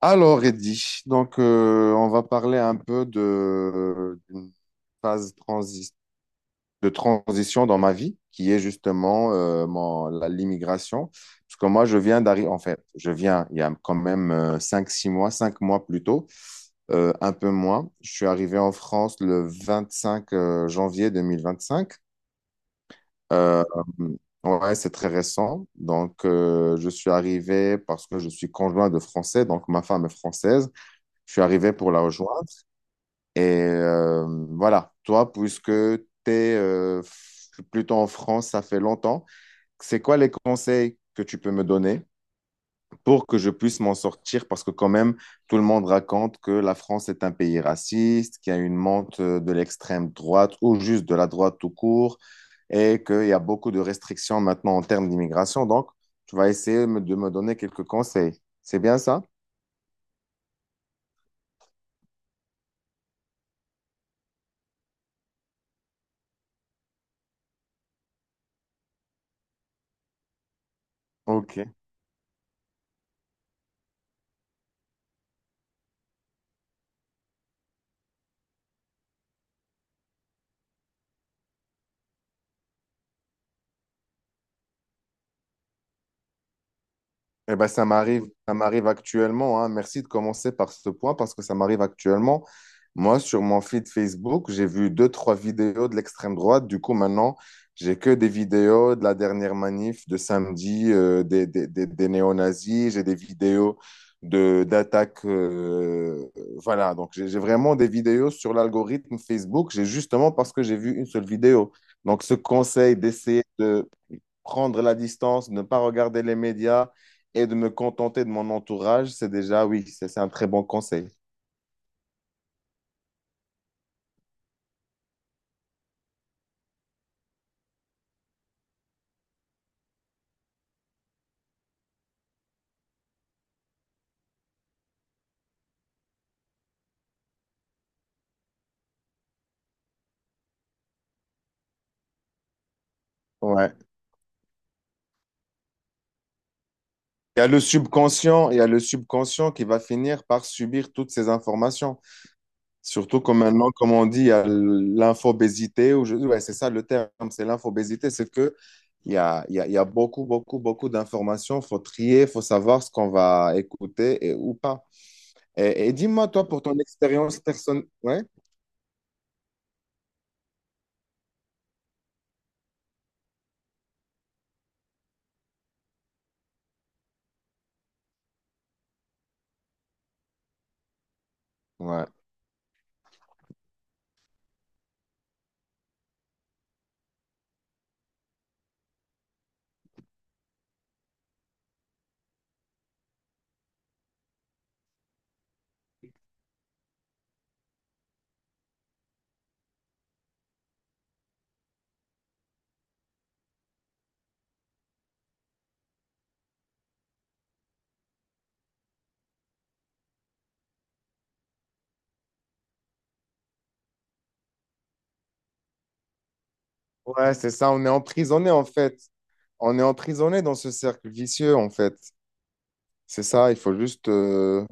Alors, Eddy, on va parler un peu de d'une phase transi- de transition dans ma vie, qui est justement l'immigration. Parce que moi, je viens d'arriver, en fait, je viens il y a quand même 5 mois plus tôt, un peu moins. Je suis arrivé en France le 25 janvier 2025. Euh, ouais, c'est très récent. Donc, je suis arrivé parce que je suis conjoint de Français, donc ma femme est française. Je suis arrivé pour la rejoindre. Et euh, voilà, toi, puisque tu es plutôt en France, ça fait longtemps, c'est quoi les conseils que tu peux me donner pour que je puisse m'en sortir? Parce que quand même, tout le monde raconte que la France est un pays raciste, qu'il y a une monte de l'extrême droite ou juste de la droite tout court, et qu'il y a beaucoup de restrictions maintenant en termes d'immigration. Donc, tu vas de me donner quelques conseils. C'est bien ça? Ok. Eh ben, ça m'arrive, Oui. ça m'arrive actuellement, hein. Merci de commencer par ce point parce que ça m'arrive actuellement. Moi, sur mon feed Facebook, j'ai vu deux, trois vidéos de l'extrême droite. Du coup, maintenant, j'ai que des vidéos de la dernière manif de samedi, des néo-nazis. J'ai des vidéos d'attaques. Voilà, donc j'ai vraiment des vidéos sur l'algorithme Facebook. J'ai justement parce que j'ai vu une seule vidéo. Donc, ce conseil d'essayer de prendre la distance, ne pas regarder les médias et de me contenter de mon entourage, c'est déjà, oui, c'est un très bon conseil. Ouais. Il y a le subconscient qui va finir par subir toutes ces informations. Surtout que maintenant, comme on dit, il y a l'infobésité, ouais, c'est ça le terme, c'est l'infobésité, c'est que il y a, il y a, il y a beaucoup, beaucoup, beaucoup d'informations, faut trier, faut savoir ce qu'on va écouter et, ou pas. Et dis-moi, toi, pour ton expérience personnelle, ouais, ouais, c'est ça, on est emprisonné en fait, on est emprisonné dans ce cercle vicieux en fait, c'est ça,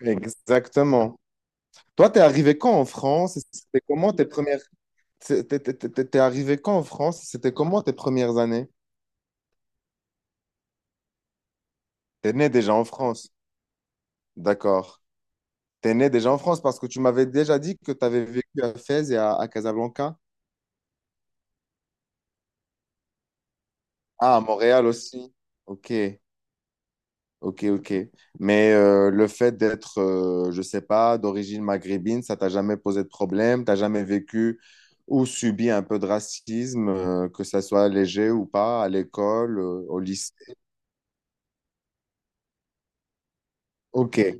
exactement. Toi, t'es arrivé quand en France? C'était comment tes premières C'est- T'es t'es- t'es- T'es arrivé quand en France? C'était comment tes premières années? T'es né déjà en France, d'accord. T'es né déjà en France parce que tu m'avais déjà dit que t'avais vécu à Fès et à Casablanca. Ah, à Montréal aussi. Ok, ok, ok. Mais le fait d'être, je sais pas, d'origine maghrébine, ça t'a jamais posé de problème? T'as jamais vécu ou subi un peu de racisme, que ça soit léger ou pas, à l'école, au lycée? Ok,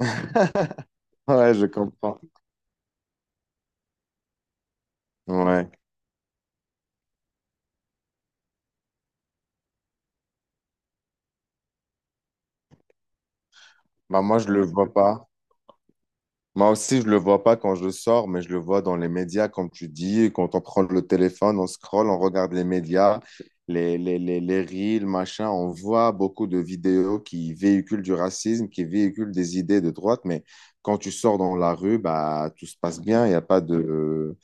ouais, je comprends. Ouais. Bah, moi, je le Parce que vois pas. Moi aussi, je le vois pas quand je sors, mais je le vois dans les médias, comme tu dis. Et quand on prend le téléphone, on scrolle, on regarde les médias, les reels, machin. On voit beaucoup de vidéos qui véhiculent du racisme, qui véhiculent des idées de droite. Mais quand tu sors dans la rue, bah, tout se passe bien. Il y a pas de.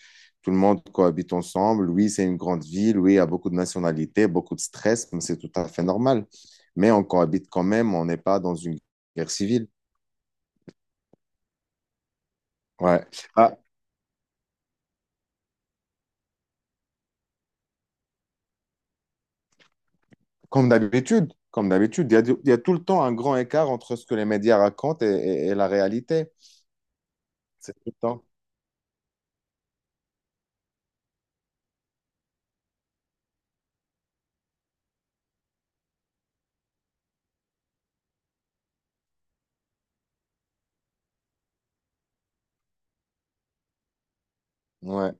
Tout le monde cohabite ensemble. Oui, c'est une grande ville. Oui, il y a beaucoup de nationalités, beaucoup de stress, mais c'est tout à fait normal. Mais on cohabite quand même. On n'est pas dans une guerre civile. Ouais. Ah, comme d'habitude, il y a, il y a tout le temps un grand écart entre ce que les médias racontent et la réalité. C'est tout le temps. Ouais.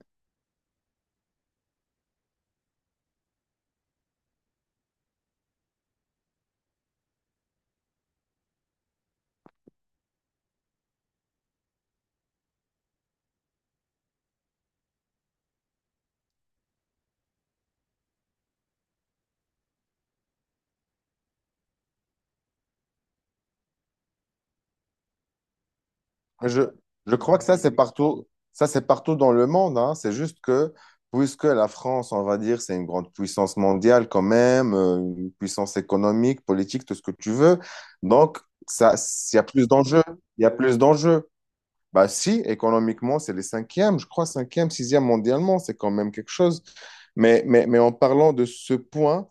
Je, je crois que ça, c'est partout dans le monde, hein. C'est juste que, puisque la France, on va dire, c'est une grande puissance mondiale quand même, une puissance économique, politique, tout ce que tu veux, donc il y a plus d'enjeux. Il y a plus d'enjeux. Bah si, économiquement, c'est les cinquièmes, je crois, cinquième, sixième mondialement, c'est quand même quelque chose. Mais en parlant de ce point,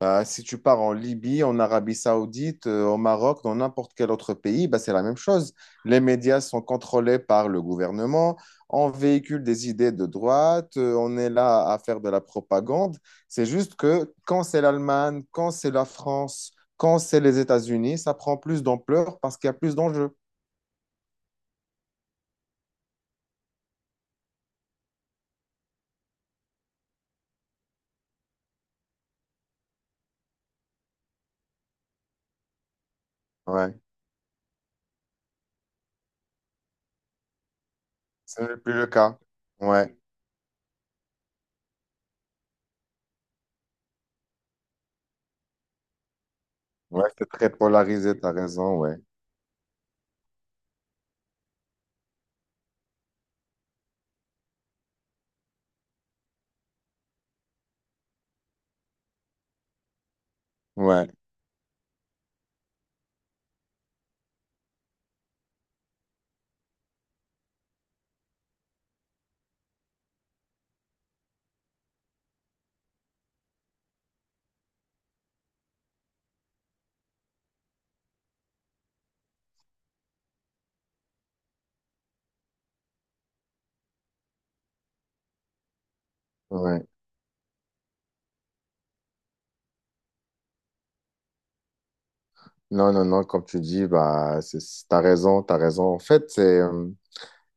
bah, si tu pars en Libye, en Arabie Saoudite, au Maroc, dans n'importe quel autre pays, bah, c'est la même chose. Les médias sont contrôlés par le gouvernement, on véhicule des idées de droite, on est là à faire de la propagande. C'est juste que quand c'est l'Allemagne, quand c'est la France, quand c'est les États-Unis, ça prend plus d'ampleur parce qu'il y a plus d'enjeux. Ouais. Ce n'est plus le cas. Ouais, ouais, c'est très polarisé, t'as raison, ouais. Ouais, ouais. Non, non, non, comme tu dis, bah, t'as raison, t'as raison. En fait,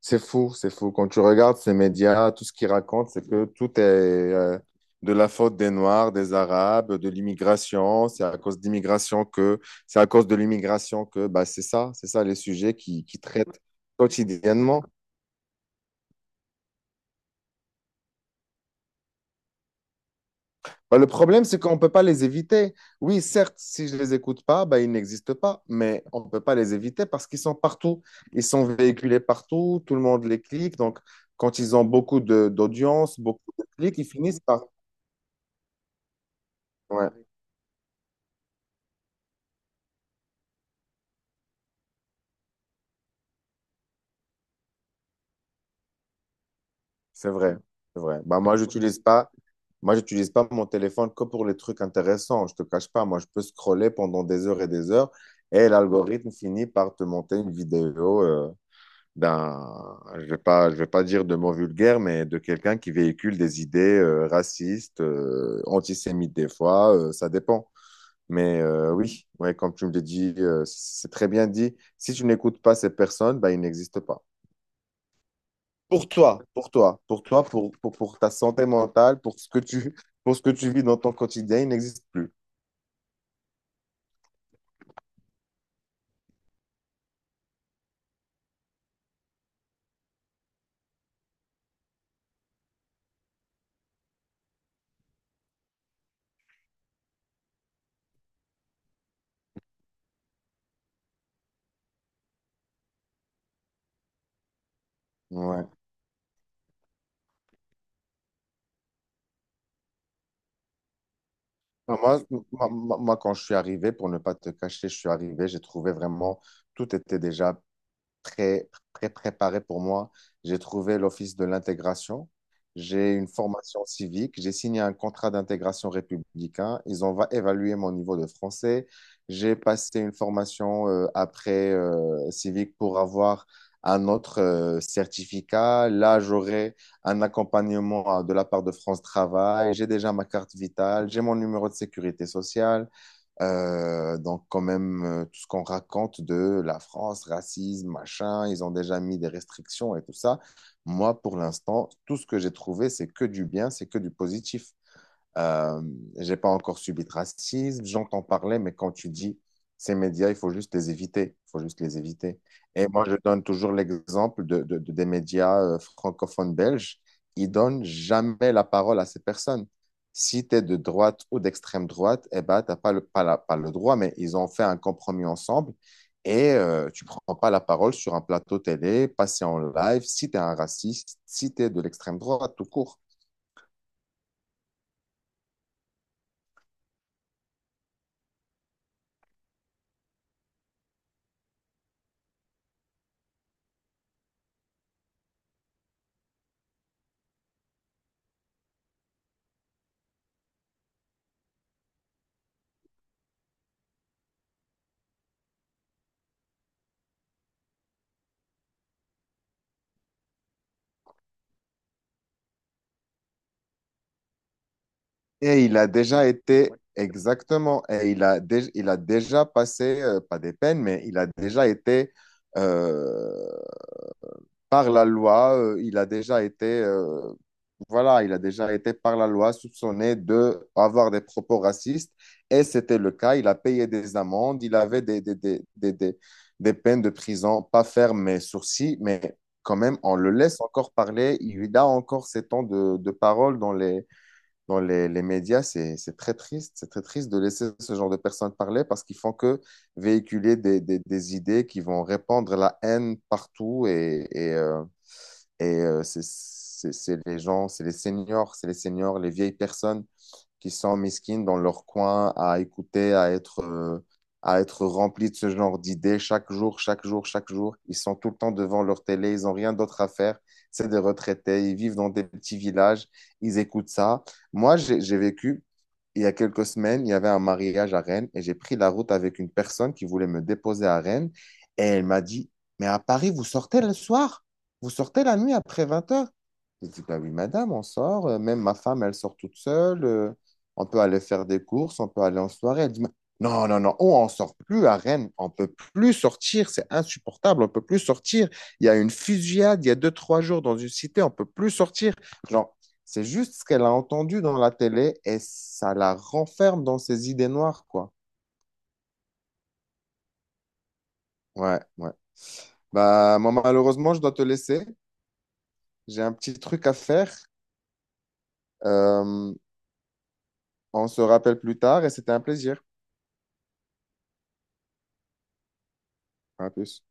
c'est fou, c'est fou. Quand tu regardes ces médias, tout ce qu'ils racontent, c'est que tout est de la faute des Noirs, des Arabes, de l'immigration. C'est à cause d'immigration que, c'est à cause de l'immigration que, bah, c'est ça les sujets qui traitent quotidiennement. Bah, le problème, c'est qu'on ne peut pas les éviter. Oui, certes, si je ne les écoute pas, bah, ils n'existent pas, mais on ne peut pas les éviter parce qu'ils sont partout. Ils sont véhiculés partout, tout le monde les clique. Donc, quand ils ont d'audience, beaucoup de clics, ils finissent par... Ouais, c'est vrai, c'est vrai. Bah, moi, j'utilise pas mon téléphone que pour les trucs intéressants. Je te cache pas, moi, je peux scroller pendant des heures et l'algorithme finit par te monter une vidéo. Je vais pas dire de mots vulgaires, mais de quelqu'un qui véhicule des idées racistes, antisémites des fois, ça dépend. Mais oui, ouais, comme tu me l'as dit, c'est très bien dit. Si tu n'écoutes pas ces personnes, bah, ils n'existent pas. Pour toi, pour ta santé mentale, pour ce que tu vis dans ton quotidien, ils n'existent plus. Ouais. Non, moi, quand je suis arrivé, pour ne pas te cacher, je suis arrivé, j'ai trouvé vraiment, tout était déjà très, très préparé pour moi. J'ai trouvé l'Office de l'intégration. J'ai une formation civique. J'ai signé un contrat d'intégration républicain. Ils ont évalué mon niveau de français. J'ai passé une formation après civique pour avoir un autre certificat. Là, j'aurai un accompagnement de la part de France Travail. J'ai déjà ma carte vitale. J'ai mon numéro de sécurité sociale. Donc, quand même, tout ce qu'on raconte de la France, racisme, machin, ils ont déjà mis des restrictions et tout ça. Moi, pour l'instant, tout ce que j'ai trouvé, c'est que du bien, c'est que du positif. Euh, j'ai pas encore subi de racisme, j'entends parler, mais quand tu dis ces médias, il faut juste les éviter, il faut juste les éviter. Et moi, je donne toujours l'exemple des médias francophones belges, ils donnent jamais la parole à ces personnes. Si tu es de droite ou d'extrême droite, eh ben, t'as pas le, pas la- pas le droit, mais ils ont fait un compromis ensemble et tu prends pas la parole sur un plateau télé, passer en live, si tu es un raciste, si tu es de l'extrême droite, tout court. Et il a, il a déjà passé, pas des peines, mais il a déjà été, euh, par la loi, il a déjà été, voilà, il a déjà été par la loi soupçonné de avoir des propos racistes, et c'était le cas, il a payé des amendes, il avait des peines de prison, pas fermes, mais sourcils, mais quand même, on le laisse encore parler, il a encore ses temps de parole dans les médias, c'est très triste. C'est très triste de laisser ce genre de personnes parler parce qu'ils font que véhiculer des idées qui vont répandre la haine partout et c'est c'est les seniors, les vieilles personnes qui sont mesquines dans leur coin à écouter, à être remplis de ce genre d'idées chaque jour, chaque jour, chaque jour. Ils sont tout le temps devant leur télé, ils n'ont rien d'autre à faire. C'est des retraités, ils vivent dans des petits villages, ils écoutent ça. Moi, j'ai vécu il y a quelques semaines, il y avait un mariage à Rennes et j'ai pris la route avec une personne qui voulait me déposer à Rennes et elle m'a dit, mais à Paris, vous sortez le soir, vous sortez la nuit après 20 heures. J'ai dit, bah oui, madame, on sort, même ma femme, elle sort toute seule, on peut aller faire des courses, on peut aller en soirée. Elle dit, mais non, non, non, on ne sort plus à Rennes, on ne peut plus sortir, c'est insupportable, on ne peut plus sortir. Il y a une fusillade il y a deux, trois jours dans une cité, on ne peut plus sortir. Genre, c'est juste ce qu'elle a entendu dans la télé et ça la renferme dans ses idées noires, quoi. Ouais, ouais. Bah, moi, malheureusement, je dois te laisser. J'ai un petit truc à faire. Euh, on se rappelle plus tard et c'était un plaisir. À plus.